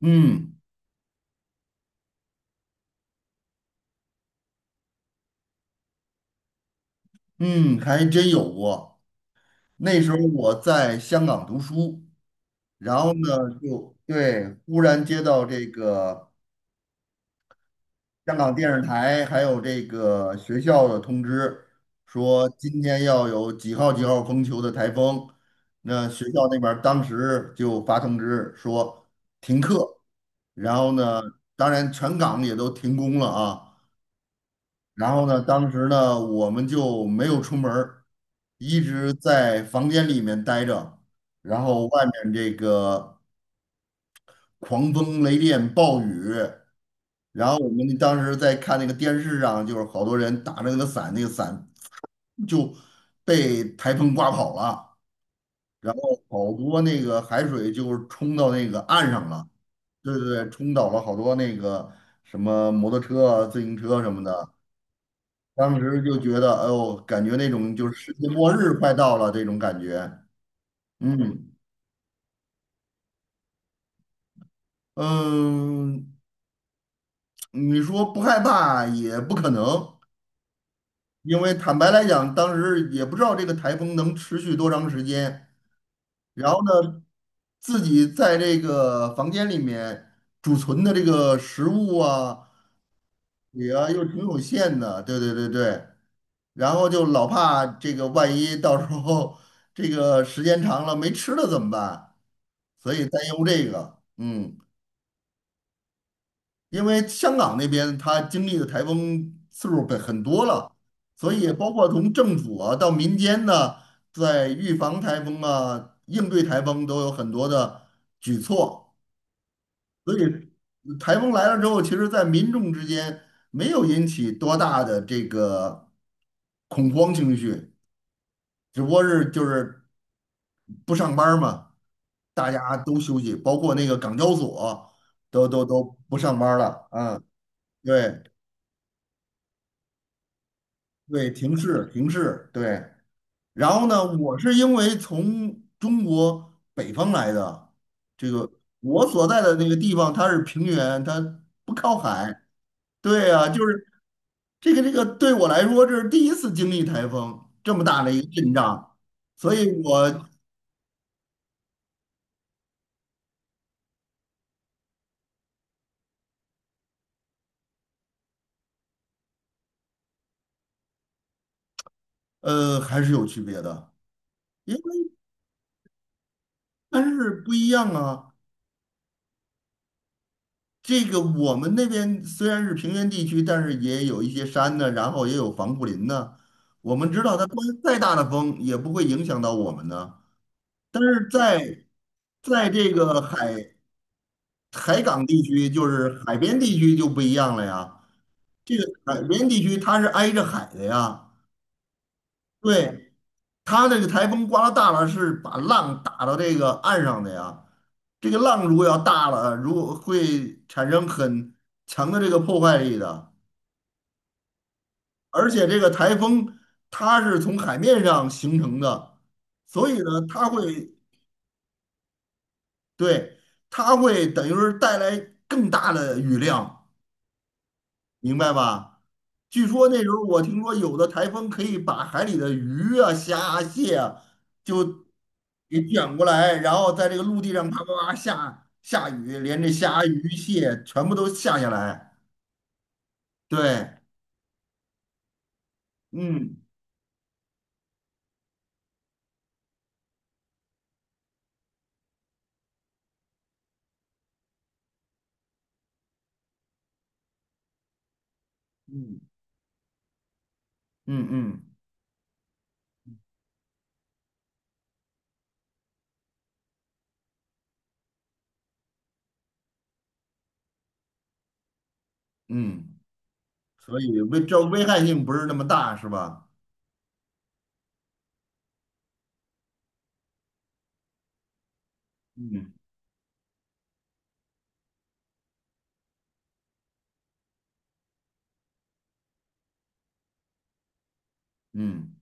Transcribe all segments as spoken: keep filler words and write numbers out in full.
嗯嗯，还真有过。那时候我在香港读书，然后呢，就对，忽然接到这个香港电视台还有这个学校的通知，说今天要有几号几号风球的台风。那学校那边儿当时就发通知说停课，然后呢，当然全港也都停工了啊。然后呢，当时呢，我们就没有出门儿一直在房间里面待着，然后外面这个狂风雷电暴雨，然后我们当时在看那个电视上，就是好多人打着那个伞，那个伞就被台风刮跑了，然后好多那个海水就冲到那个岸上了，对对对，冲倒了好多那个什么摩托车啊、自行车什么的。当时就觉得，哎呦，感觉那种就是世界末日快到了这种感觉。嗯嗯，你说不害怕也不可能，因为坦白来讲，当时也不知道这个台风能持续多长时间。然后呢，自己在这个房间里面储存的这个食物啊。也啊，又挺有限的，对对对对。然后就老怕这个万一到时候这个时间长了没吃的怎么办？所以担忧这个，嗯，因为香港那边它经历的台风次数本很多了，所以包括从政府啊到民间呢，在预防台风啊、应对台风都有很多的举措。所以台风来了之后，其实，在民众之间没有引起多大的这个恐慌情绪，只不过是就是不上班儿嘛，大家都休息，包括那个港交所都都都不上班儿了，啊，对对，停市停市，对。然后呢，我是因为从中国北方来的，这个我所在的那个地方它是平原，它不靠海。对呀、就是这个这个对我来说，这是第一次经历台风这么大的一个阵仗，所以我呃还是有区别的，因为还是不一样啊。这个我们那边虽然是平原地区，但是也有一些山呢，然后也有防护林呢。我们知道它刮再大的风也不会影响到我们呢。但是在在这个海海港地区，就是海边地区就不一样了呀。这个海边地区它是挨着海的呀。对，它这个台风刮到大了，是把浪打到这个岸上的呀。这个浪如果要大了，如果会产生很强的这个破坏力的。而且这个台风它是从海面上形成的，所以呢，它会，对，它会等于是带来更大的雨量。明白吧？据说那时候我听说有的台风可以把海里的鱼啊、虾啊蟹啊就给卷过来，然后在这个陆地上啪啪啪下下雨，连这虾、鱼、蟹全部都下下来。对，嗯嗯嗯嗯嗯，所以危这危害性不是那么大，是吧？嗯嗯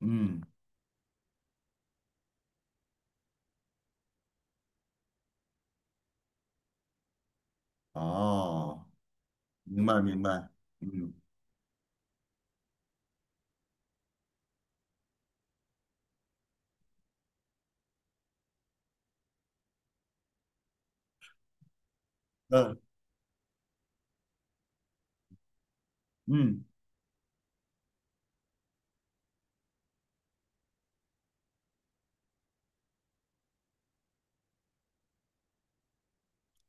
嗯，哦，明白明白，嗯嗯嗯，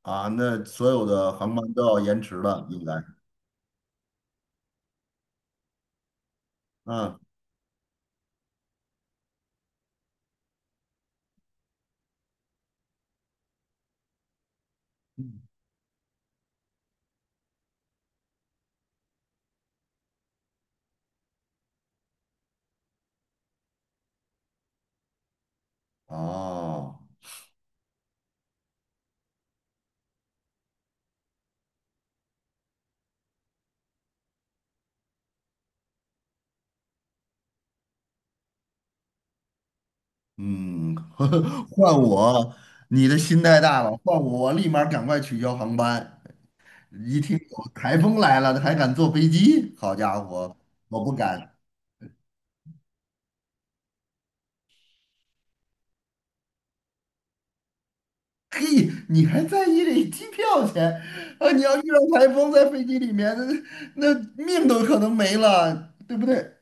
啊，那所有的航班都要延迟了，应该。嗯，哦，嗯，换我，你的心太大了，换我我立马赶快取消航班。一听有台风来了，还敢坐飞机？好家伙，我不敢。嘿，你还在意这机票钱啊？你要遇到台风在飞机里面，那那命都可能没了，对不对？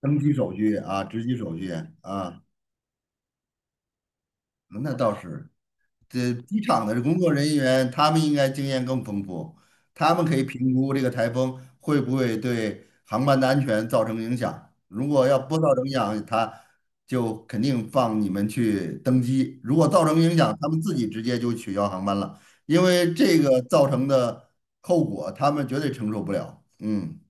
登机手续啊，值机手续啊，那倒是。这机场的工作人员，他们应该经验更丰富，他们可以评估这个台风会不会对航班的安全造成影响。如果要不造成影响，他就肯定放你们去登机；如果造成影响，他们自己直接就取消航班了，因为这个造成的后果他们绝对承受不了。嗯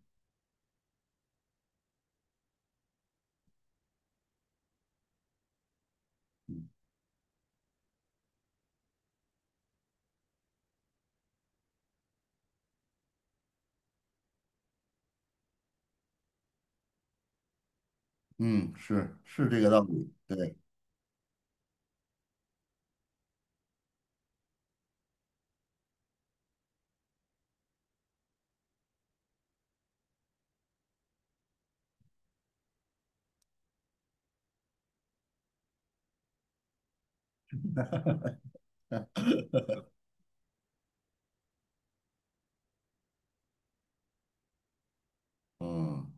嗯，是是这个道理，对，嗯。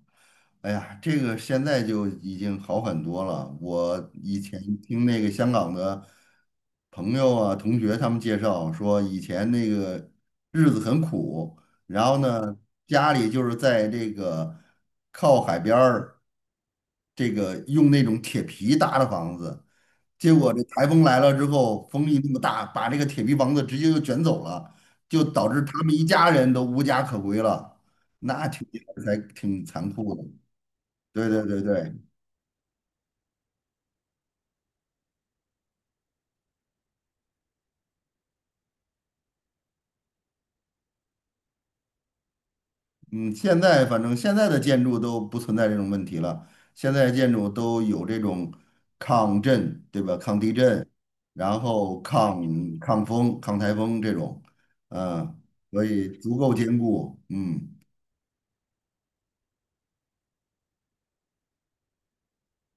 哎呀，这个现在就已经好很多了。我以前听那个香港的朋友啊、同学他们介绍说，以前那个日子很苦，然后呢，家里就是在这个靠海边儿，这个用那种铁皮搭的房子，结果这台风来了之后，风力那么大，把这个铁皮房子直接就卷走了，就导致他们一家人都无家可归了，那挺才挺残酷的。对对对对，嗯，现在反正现在的建筑都不存在这种问题了，现在的建筑都有这种抗震，对吧？抗地震，然后抗抗风、抗台风这种，嗯，所以足够坚固，嗯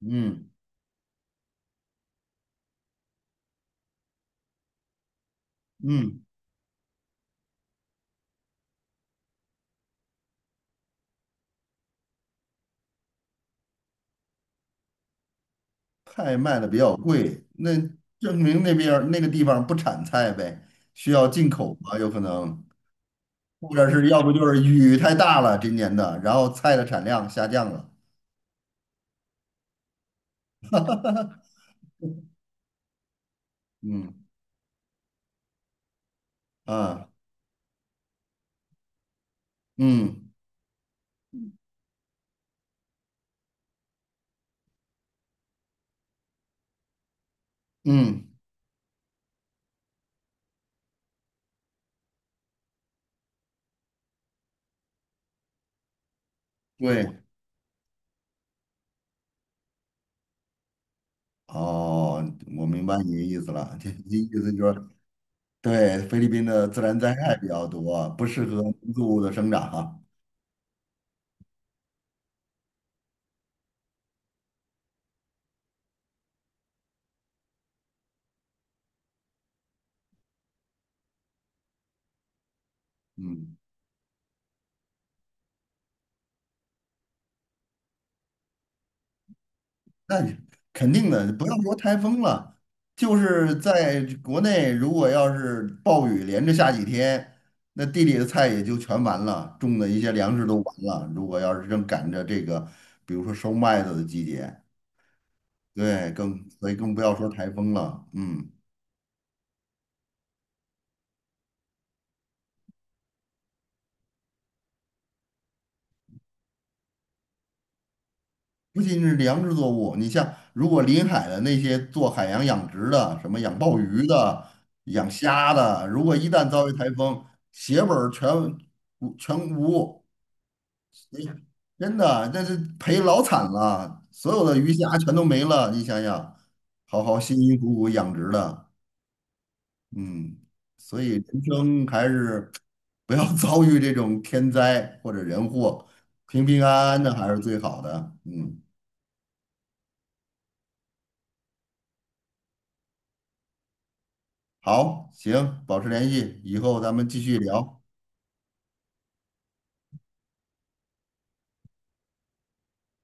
嗯嗯，菜卖的比较贵，那证明那边儿那个地方不产菜呗，需要进口吧？有可能，或者是要不就是雨太大了，今年的，然后菜的产量下降了，嗯啊。嗯嗯，对，哦，我明白你的意思了，就你意思就是说，对，菲律宾的自然灾害比较多，不适合农作物的生长哈。嗯，那你肯定的，不要说台风了，就是在国内，如果要是暴雨连着下几天，那地里的菜也就全完了，种的一些粮食都完了。如果要是正赶着这个，比如说收麦子的季节，对，更，所以更不要说台风了。嗯。不仅是粮食作物，你像如果临海的那些做海洋养殖的，什么养鲍鱼的、养虾的，如果一旦遭遇台风，血本儿全全无，哎真的那是赔老惨了，所有的鱼虾全都没了。你想想，好好辛辛苦苦养殖的，嗯，所以人生还是不要 遭遇这种天灾或者人祸，平平安安的还是最好的，嗯。好，行，保持联系，以后咱们继续聊。